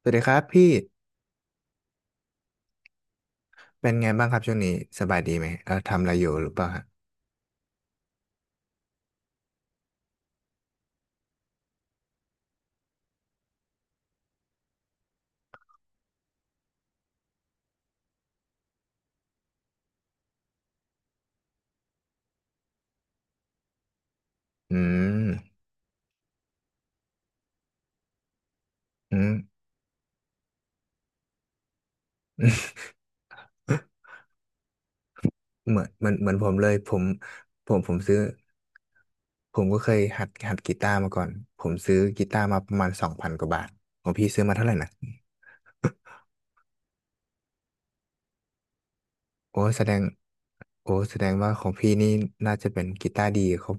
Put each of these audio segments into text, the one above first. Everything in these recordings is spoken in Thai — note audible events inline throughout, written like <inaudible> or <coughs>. สวัสดีครับพี่เป็นไงบ้างครับช่วงนี้สบายดีไหมทำอะไรอยู่หรือเปล่าฮะอืมอืม <coughs> เหมือนผมเลยผมซื้อผมก็เคยหัดกีตาร์มาก่อนผมซื้อกีตาร์มาประมาณสองพันกว่าบาทของพี่ซื้อมาเท่าไหร่นะโอ้แสดงว่าของพี่นี่น่าจะเป็นกีตาร์ดีเขา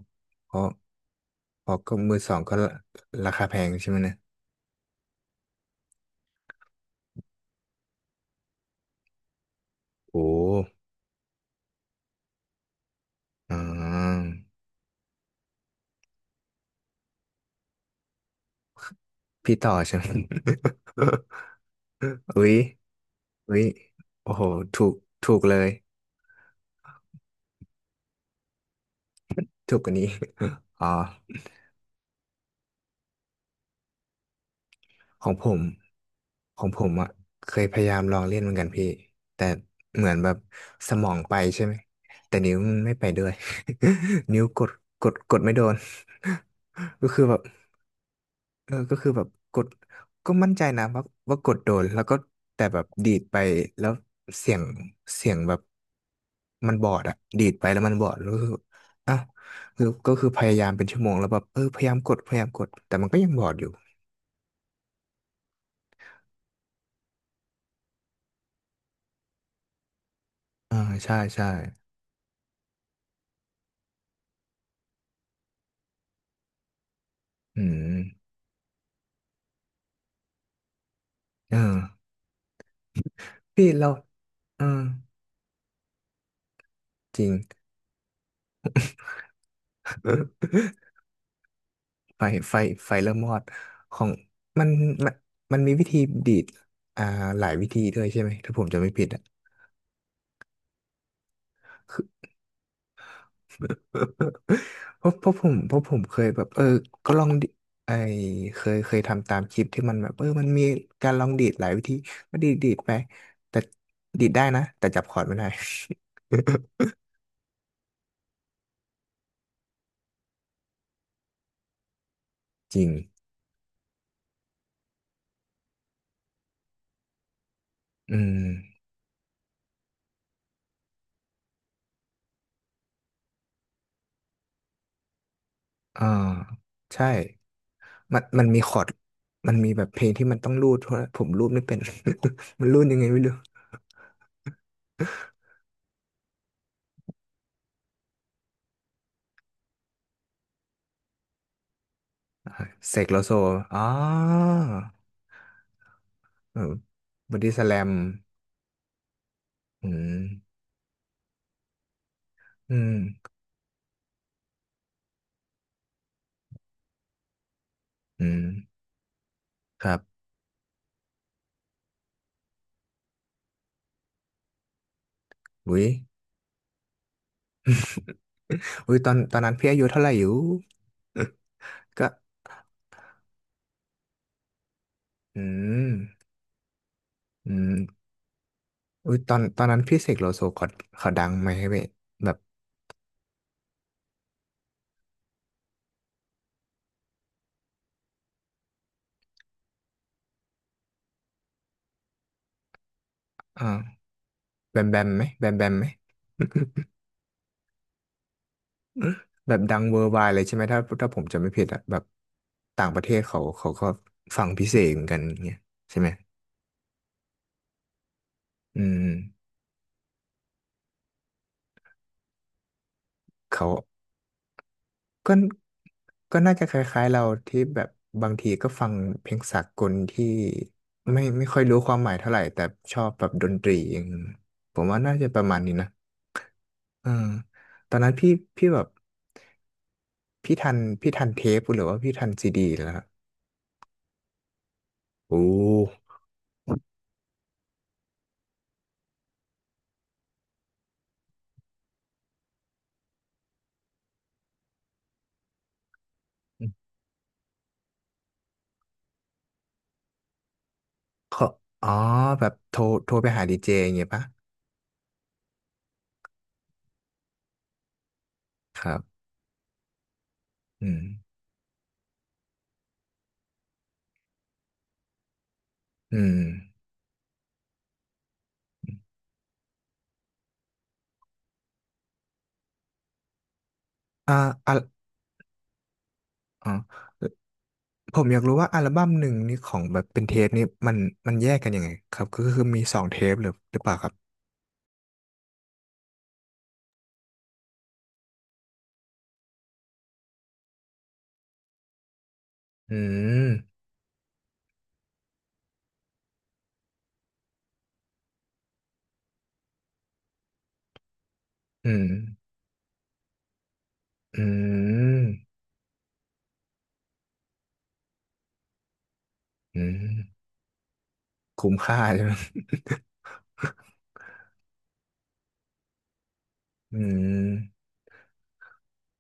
เพราะเพราะก็มือสองก็ราคาแพงใช่ไหมเนี่ยโอ้อ่าพี่ต่อใช่ไหม <laughs> อุ้ย เฮ้ยโอ้โหถูกถูกเลยถูกกว่านี้ <laughs> อ๋อของผมของผมอ่ะเคยพยายามลองเล่นเหมือนกันพี่แต่เหมือนแบบสมองไปใช่ไหมแต่นิ้วมันไม่ไปด้วย <laughs> นิ้วกดกดไม่โดน <laughs> ก็คือแบบ ก็คือแบบกดก็มั่นใจนะว่ากดโดนแล้วก็แต่แบบดีดไปแล้วเสียงเสียงแบบมันบอดอะดีดไปแล้วมันบอดแล้วก็คืออ้าวคือก็คือพยายามเป็นชั่วโมงแล้วแบบพยายามกดแต่มันก็ยังบอดอยู่อ่าใช่ใช่อืมเออพี่เราเออจริง <laughs> ไฟไฟไฟเริ่มมอดของมันมันมันมีวิธีดีดอ่าหลายวิธีด้วยใช่ไหมถ้าผมจะไม่ผิดอะ <laughs> เพราะผมเคยแบบก็ลองดิไอเคยทำตามคลิปที่มันแบบมันมีการลองดีดหลายวิธีก็ดีดไปแต่ดีดได้นะแต่จับคอร์ดไม่ได้ <laughs> จริงอืมอ่าใช่มันมันมีคอร์ดมันมีแบบเพลงที่มันต้องรูดเพราะผมรูดไม่เป็น <laughs> มันรูดยังไงไม่รู้อ่าเสกโลโซอ๋อเออบอดี้สแลมอืมอืมอืมครับ อุ้ยตอนนั้นพี่อายุเท่าไหร่อยู่ <laughs> ก็ อืมอืมอุ้ยตอนนั้นพี่เสกโลโซเขาดังไหมเว้ยแบบอ่าแบมแบมไหม <laughs> แบบดังเวอร์ไวด์เลยใช่ไหมถ้าผมจำไม่ผิดอะแบบต่างประเทศเขาก็ฟังพิเศษเหมือนกันอย่างเงี้ยใช่ไหมอืมเขา ก็ก็น่าจะคล้ายๆเราที่แบบบางทีก็ฟังเพลงสากลที่ไม่ค่อยรู้ความหมายเท่าไหร่แต่ชอบแบบดนตรีอย่างผมว่าน่าจะประมาณนี้นะเออตอนนั้นพี่แบบพี่ทันเทปหรือว่าพี่ทันซีดีแล้วครับโอ้เขาอ๋อแบบโทรไปหาดีเจอย่างเงี้ยปะ ครับ อืมอืมอ่าอ่ะอ๋อ ผมอยากรู้ว่าอัลบั้มหนึ่งนี่ของแบบเป็นเทปนี่มันแยกกันยังไงครับก็คือมีสองเทปหรือเปล่าครับอืมอืมอืมอืมคุ้มค่าใช่ไหมอืม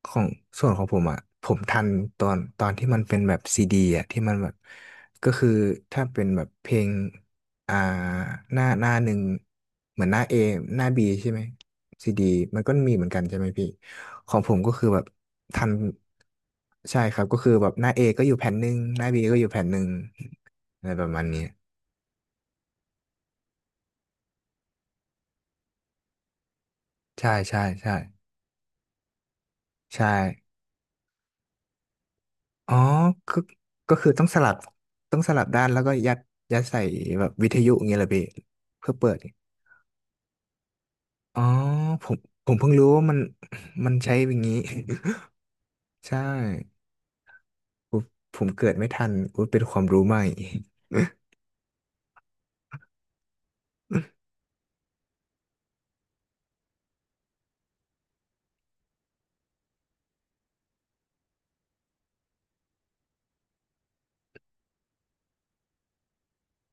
ของส่วนของผมอ่ะผมทันตอนที่มันเป็นแบบซีดีอ่ะที่มันแบบก็คือถ้าเป็นแบบเพลงอ่าหน้าหนึ่งเหมือนหน้าเอหน้าบีใช่ไหมซีดีมันก็มีเหมือนกันใช่ไหมพี่ของผมก็คือแบบทันใช่ครับก็คือแบบหน้าเอก็อยู่แผ่นหนึ่งหน้าบีก็อยู่แผ่นหนึ่งอะไรประมาณนี้ใช่ใช่ใช่ใช่ อ๋อก็ก็คือต้องสลับด้านแล้วก็ยัดใส่แบบวิทยุอย่างเงี้ยเหรอพี่เพื่อเปิดอ๋อผมผมเพิ่งรู้ว่ามันใช้อย่างนี้ <laughs> ใช่ผมผมเกิดไม่ทันอุ๊ยเป็นความรู้ใหม่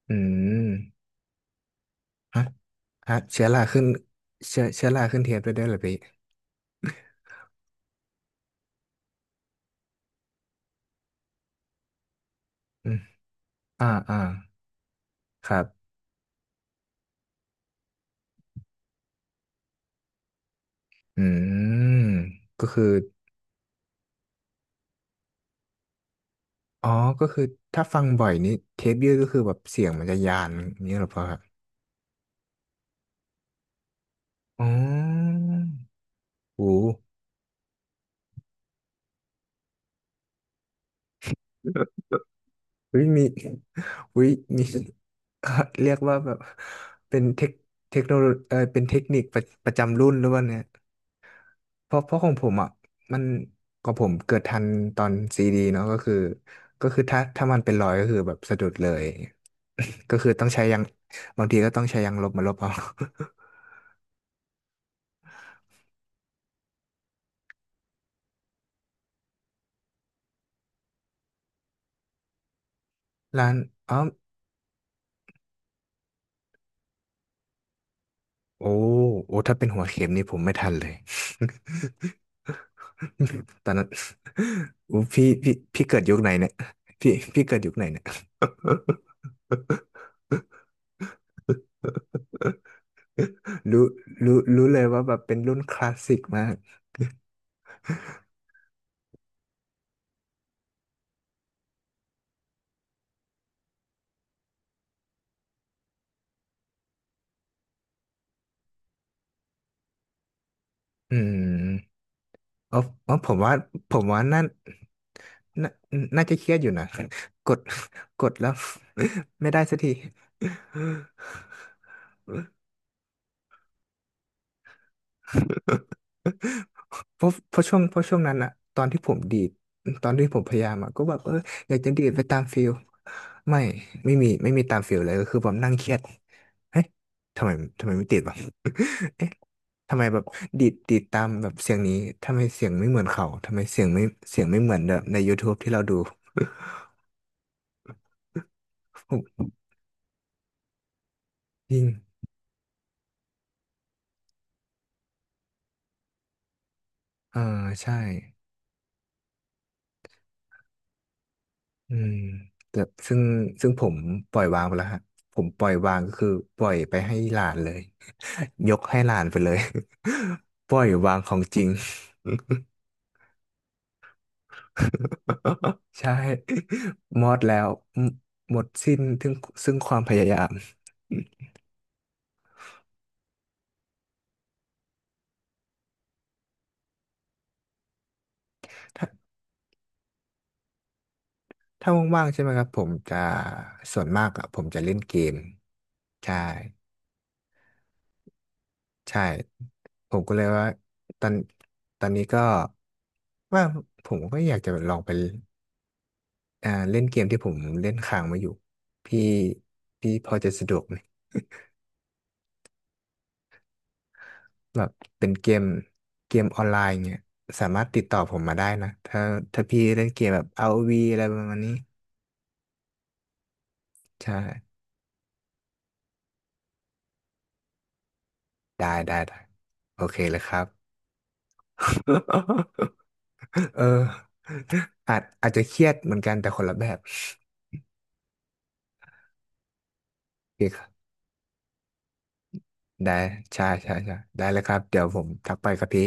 อืมฮะฮะเชื้อราขึ้นเชื้อราขึ้นเทปได้ด้วยเหรอพี่อืมอ่าอ่าครับอืมก็คืออ๋อก็คือถ้าฟังบ่อยนี่เทปยืดก็คือแบบเสียงมันจะยานอย่างนี้เหรอพ่อ อ๋อโหอุ้ยมีอุ้ยมี <laughs> เรียกว่าแบบเป็นเทคเทคโนโลเป็นเทคนิคประจำรุ่นหรือเปล่าเนี่ยเพราะเพราะของผมอ่ะมันของผมเกิดทันตอนซีดีเนาะก็คือก็คือถ้าถ้ามันเป็นรอยก็คือแบบสะดุดเลย <laughs> ก็คือต้องใช้ยางบางทีก็ต้องใช้ยางลบมาลบเอา <laughs> ร้านอ๋อโอ้โอ้ถ้าเป็นหัวเข็มนี่ผมไม่ทันเลย <laughs> ตอนนั้น <laughs> อู้พี่พี่พี่เกิดยุคไหนเนี่ยพี่พี่เกิดยุคไหนเนี่ย <laughs> รู้รู้รู้เลยว่าแบบเป็นรุ่นคลาสสิกมากอืมอ๋ออ๋อผมว่าผมว่านั่นน่าน่าจะเครียดอยู่นะกดกดแล้ว <laughs> ไม่ได้สักที เพราะเพราะช่วงเพราะช่วงนั้นอะตอนที่ผมดีดตอนที่ผมพยายามอะก็แบบอยากจะดีดไปตามฟิลไม่ไม่มีตามฟิลเลยก็คือแบบนั่งเครียดเอ๊ะทำไมไม่ติดวะ <laughs> เอ๊ะทำไมแบบดีดตามแบบเสียงนี้ทำไมเสียงไม่เหมือนเขาทำไมเสียงไม่เหมือนแบบใน YouTube ที่เราดู <laughs> ผมยิ่งอ่าใช่ อืมแต่ซึ่งผมปล่อยวางไปแล้วฮะผมปล่อยวางก็คือปล่อยไปให้หลานเลย <laughs> ยกให้หลานไปเลย <laughs> ปล่อยวางของจริง <laughs> ใช่มอดแล้วหมดสิ้นถึงซึ่งความพยายาม <laughs> ถ้าถ้าว่างๆใช่ไหมครับผมจะส่วนมากอะผมจะเล่นเกมใช่ใช่ผมก็เลยว่าตอนนี้ก็ว่าผมก็อยากจะลองไป อ่าเล่นเกมที่ผมเล่นค้างมาอยู่พี่พอจะสะดวกไหมแบบเป็นเกมออนไลน์เงี้ยสามารถติดต่อผมมาได้นะถ้าพี่เล่นเกมแบบ ROV อวีอะไรประมาณนี้ใช่ได้ได้โอเคเลยครับ <laughs> เอออาจจะเครียดเหมือนกันแต่คนละแบบโอเคครับได้ใช่ใช่ใช่ได้เลยครับเดี๋ยวผมทักไปครับพี่